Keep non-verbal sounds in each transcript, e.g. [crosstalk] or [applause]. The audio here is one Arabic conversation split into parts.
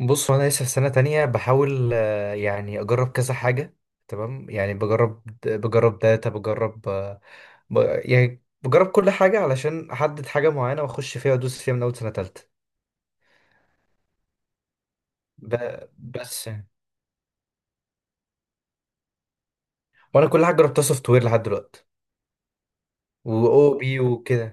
بص وانا لسه في سنة تانية بحاول يعني اجرب كذا حاجة. تمام، يعني بجرب داتا بجرب ب... يعني بجرب كل حاجة علشان احدد حاجة معينة واخش فيها وادوس فيها من اول سنة تالتة. ب... بس يعني. وانا كل حاجة جربتها سوفت وير لحد دلوقتي، واو بي وكده.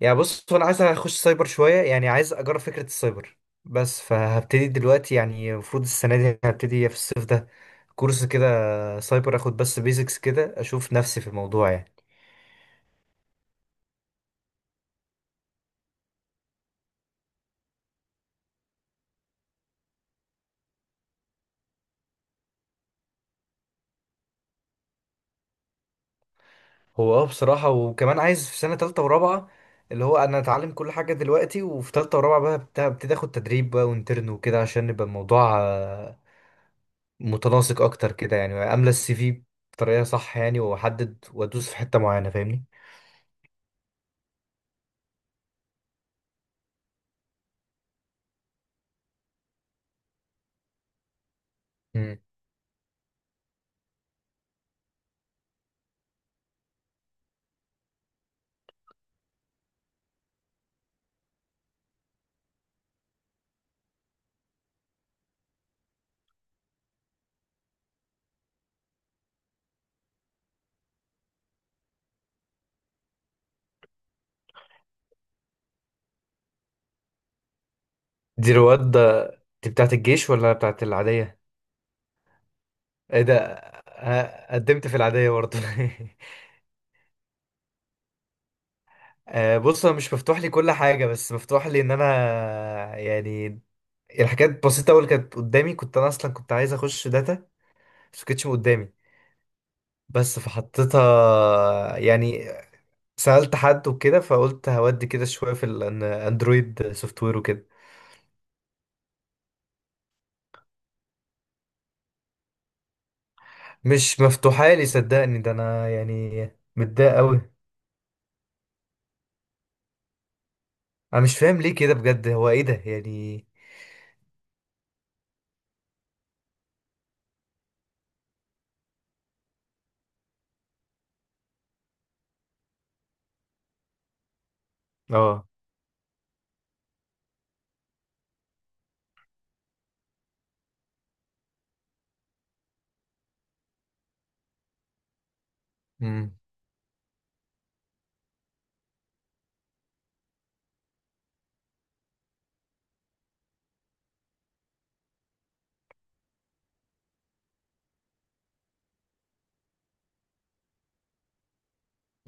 يعني بص، وانا عايز اخش سايبر شوية، يعني عايز اجرب فكرة السايبر، بس فهبتدي دلوقتي. يعني المفروض السنة دي هبتدي في الصيف ده كورس كده سايبر اخد، بس بيزكس كده اشوف نفسي في الموضوع يعني. هو اه بصراحة، وكمان عايز في سنة تالتة ورابعة اللي هو أنا أتعلم كل حاجة دلوقتي، وفي تالتة ورابعة بقى ابتدي آخد تدريب بقى وانترن وكده، عشان يبقى الموضوع متناسق أكتر كده. يعني أملى السي في بطريقة صح، يعني وأحدد وأدوس في حتة معينة، فاهمني. مم. دي رواد دي بتاعت الجيش ولا بتاعت العادية؟ إيه ده، قدمت في العادية برضه [laughs] بص، أنا مش مفتوح لي كل حاجة، بس مفتوح لي إن أنا يعني الحاجات بسيطة أوي اللي كانت قدامي. كنت أنا أصلا كنت عايز أخش داتا، بس مكانتش قدامي. بس فحطيتها يعني، سألت حد وكده فقلت هودي كده شوية في الأندرويد سوفت وير وكده. مش مفتوحة لي صدقني، ده أنا يعني متضايق أوي. أنا مش فاهم ليه كده بجد، هو إيه ده يعني. اه. امم.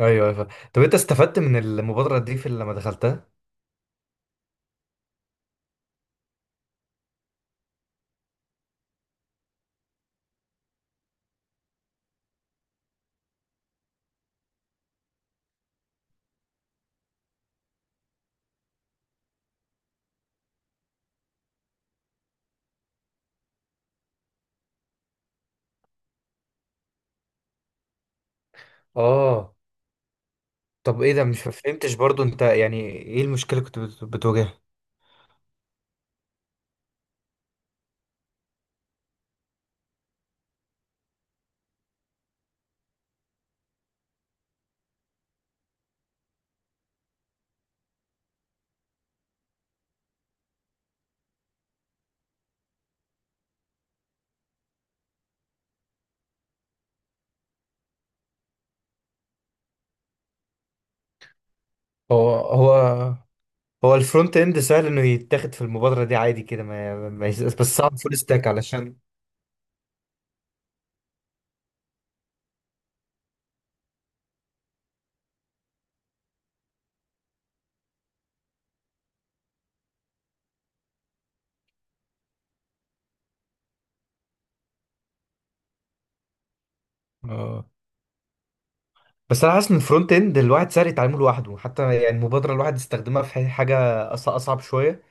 أيوه أيوه، طب أنت استفدت من المبادرة دي في لما دخلتها؟ آه. طب إيه ده، مش فهمتش برضو أنت. يعني إيه المشكلة كنت بتواجهها؟ هو هو الفرونت اند سهل انه يتاخد في المبادره دي عادي كده، ما... ما... يس- بس صعب فول ستاك علشان. اه بس انا حاسس ان الفرونت اند الواحد سهل يتعلمه لوحده، حتى يعني المبادره الواحد يستخدمها في حاجه اصعب شويه،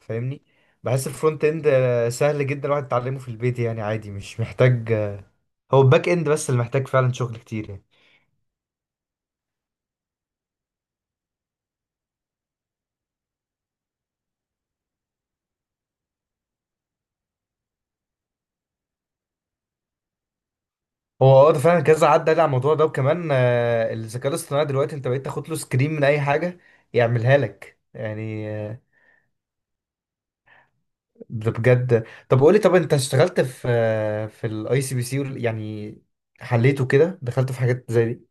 فاهمني. بحس الفرونت اند سهل جدا الواحد يتعلمه في البيت، يعني عادي مش محتاج هو الباك اند بس اللي محتاج فعلا شغل كتير يعني. هو اه ده فعلا كذا عدى على الموضوع ده، وكمان الذكاء الاصطناعي دلوقتي انت بقيت تاخد له سكرين من اي حاجه يعملها لك يعني. ده بجد. طب قولي، طب انت اشتغلت في في الاي سي بي سي يعني، حليته كده، دخلت في حاجات زي دي؟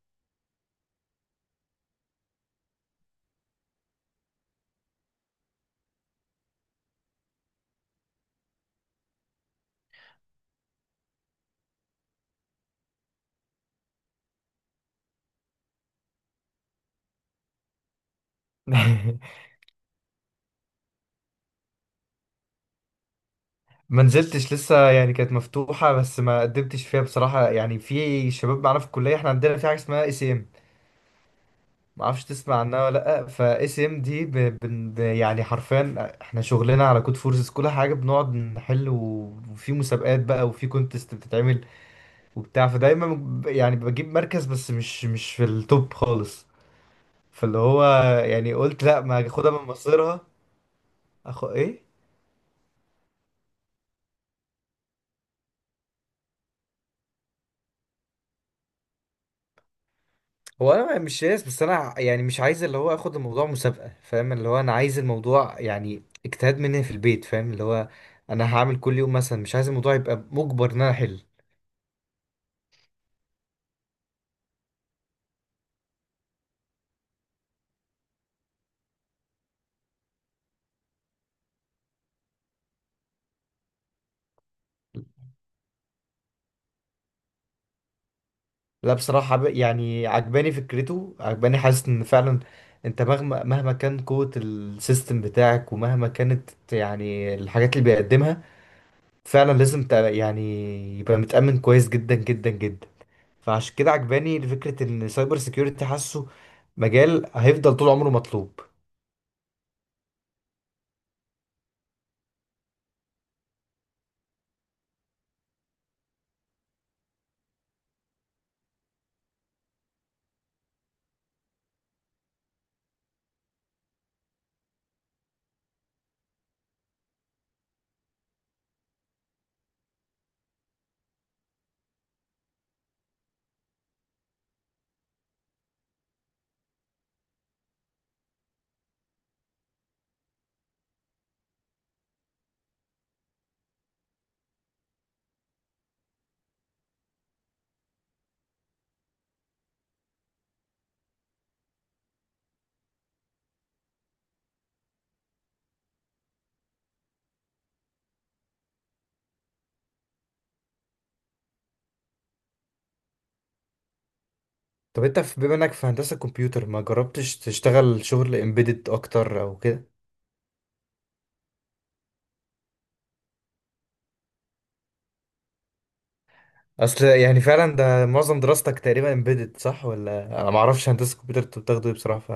[laughs] ما نزلتش لسه يعني، كانت مفتوحة بس ما قدمتش فيها بصراحة. يعني في شباب معانا في الكلية، احنا عندنا في حاجة اسمها اي سي ام، ما اعرفش تسمع عنها ولا لا. فاي سي ام دي يعني حرفيا احنا شغلنا على كود فورسز كل حاجة، بنقعد نحل، وفي مسابقات بقى وفي كونتست بتتعمل وبتاع. فدايما يعني بجيب مركز بس مش في التوب خالص. فاللي هو يعني قلت لا، ما اخدها من مصيرها. اخو ايه. هو انا مش ياس، بس انا يعني مش عايز اللي هو اخد الموضوع مسابقه، فاهم اللي هو انا عايز الموضوع يعني اجتهاد مني في البيت، فاهم اللي هو انا هعمل كل يوم مثلا، مش عايز الموضوع يبقى مجبر ان انا احل. لا بصراحة يعني عجباني فكرته، عجباني، حاسس ان فعلا انت مهما كان قوة السيستم بتاعك ومهما كانت يعني الحاجات اللي بيقدمها، فعلا لازم تبقى- يعني يبقى متأمن كويس جدا جدا جدا. فعشان كده عجباني فكرة ان سايبر سيكيورتي، حاسه مجال هيفضل طول عمره مطلوب. طب انت بما انك في هندسة كمبيوتر، ما جربتش تشتغل شغل امبيدد اكتر او كده؟ اصل يعني فعلا ده معظم دراستك تقريبا امبيدد صح؟ ولا انا ما اعرفش هندسة كمبيوتر انتوا بتاخدوا ايه بصراحة. ف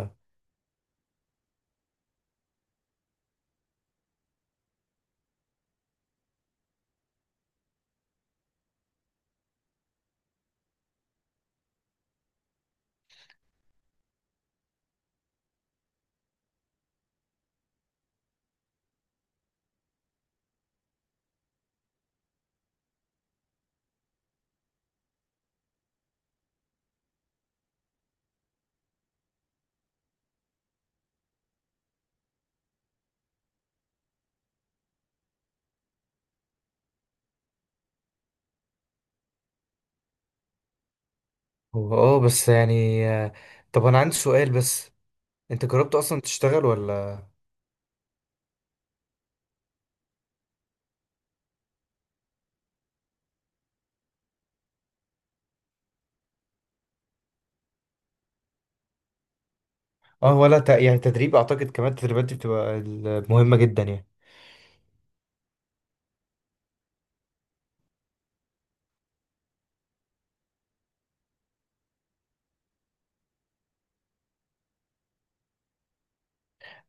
هو اه بس يعني طب انا عندي سؤال بس، انت جربت اصلا تشتغل ولا؟ اه. ولا يعني تدريب اعتقد كمان التدريبات دي بتبقى مهمة جدا يعني.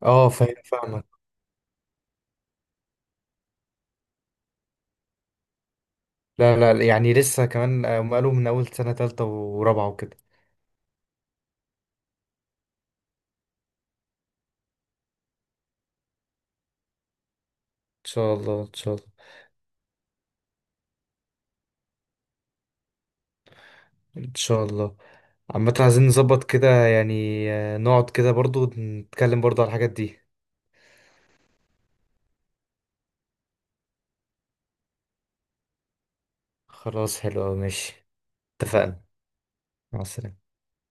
اه فاهم فاهمك. لا لا لا، يعني لسه كمان هم قالوا من أول سنة تالتة ورابعة وكده. ان شاء الله ان شاء الله. إن شاء الله. عامة عايزين نظبط كده يعني، نقعد كده برضو نتكلم برضو على الحاجات دي. خلاص حلو أوي، ماشي. اتفقنا. مع السلامة.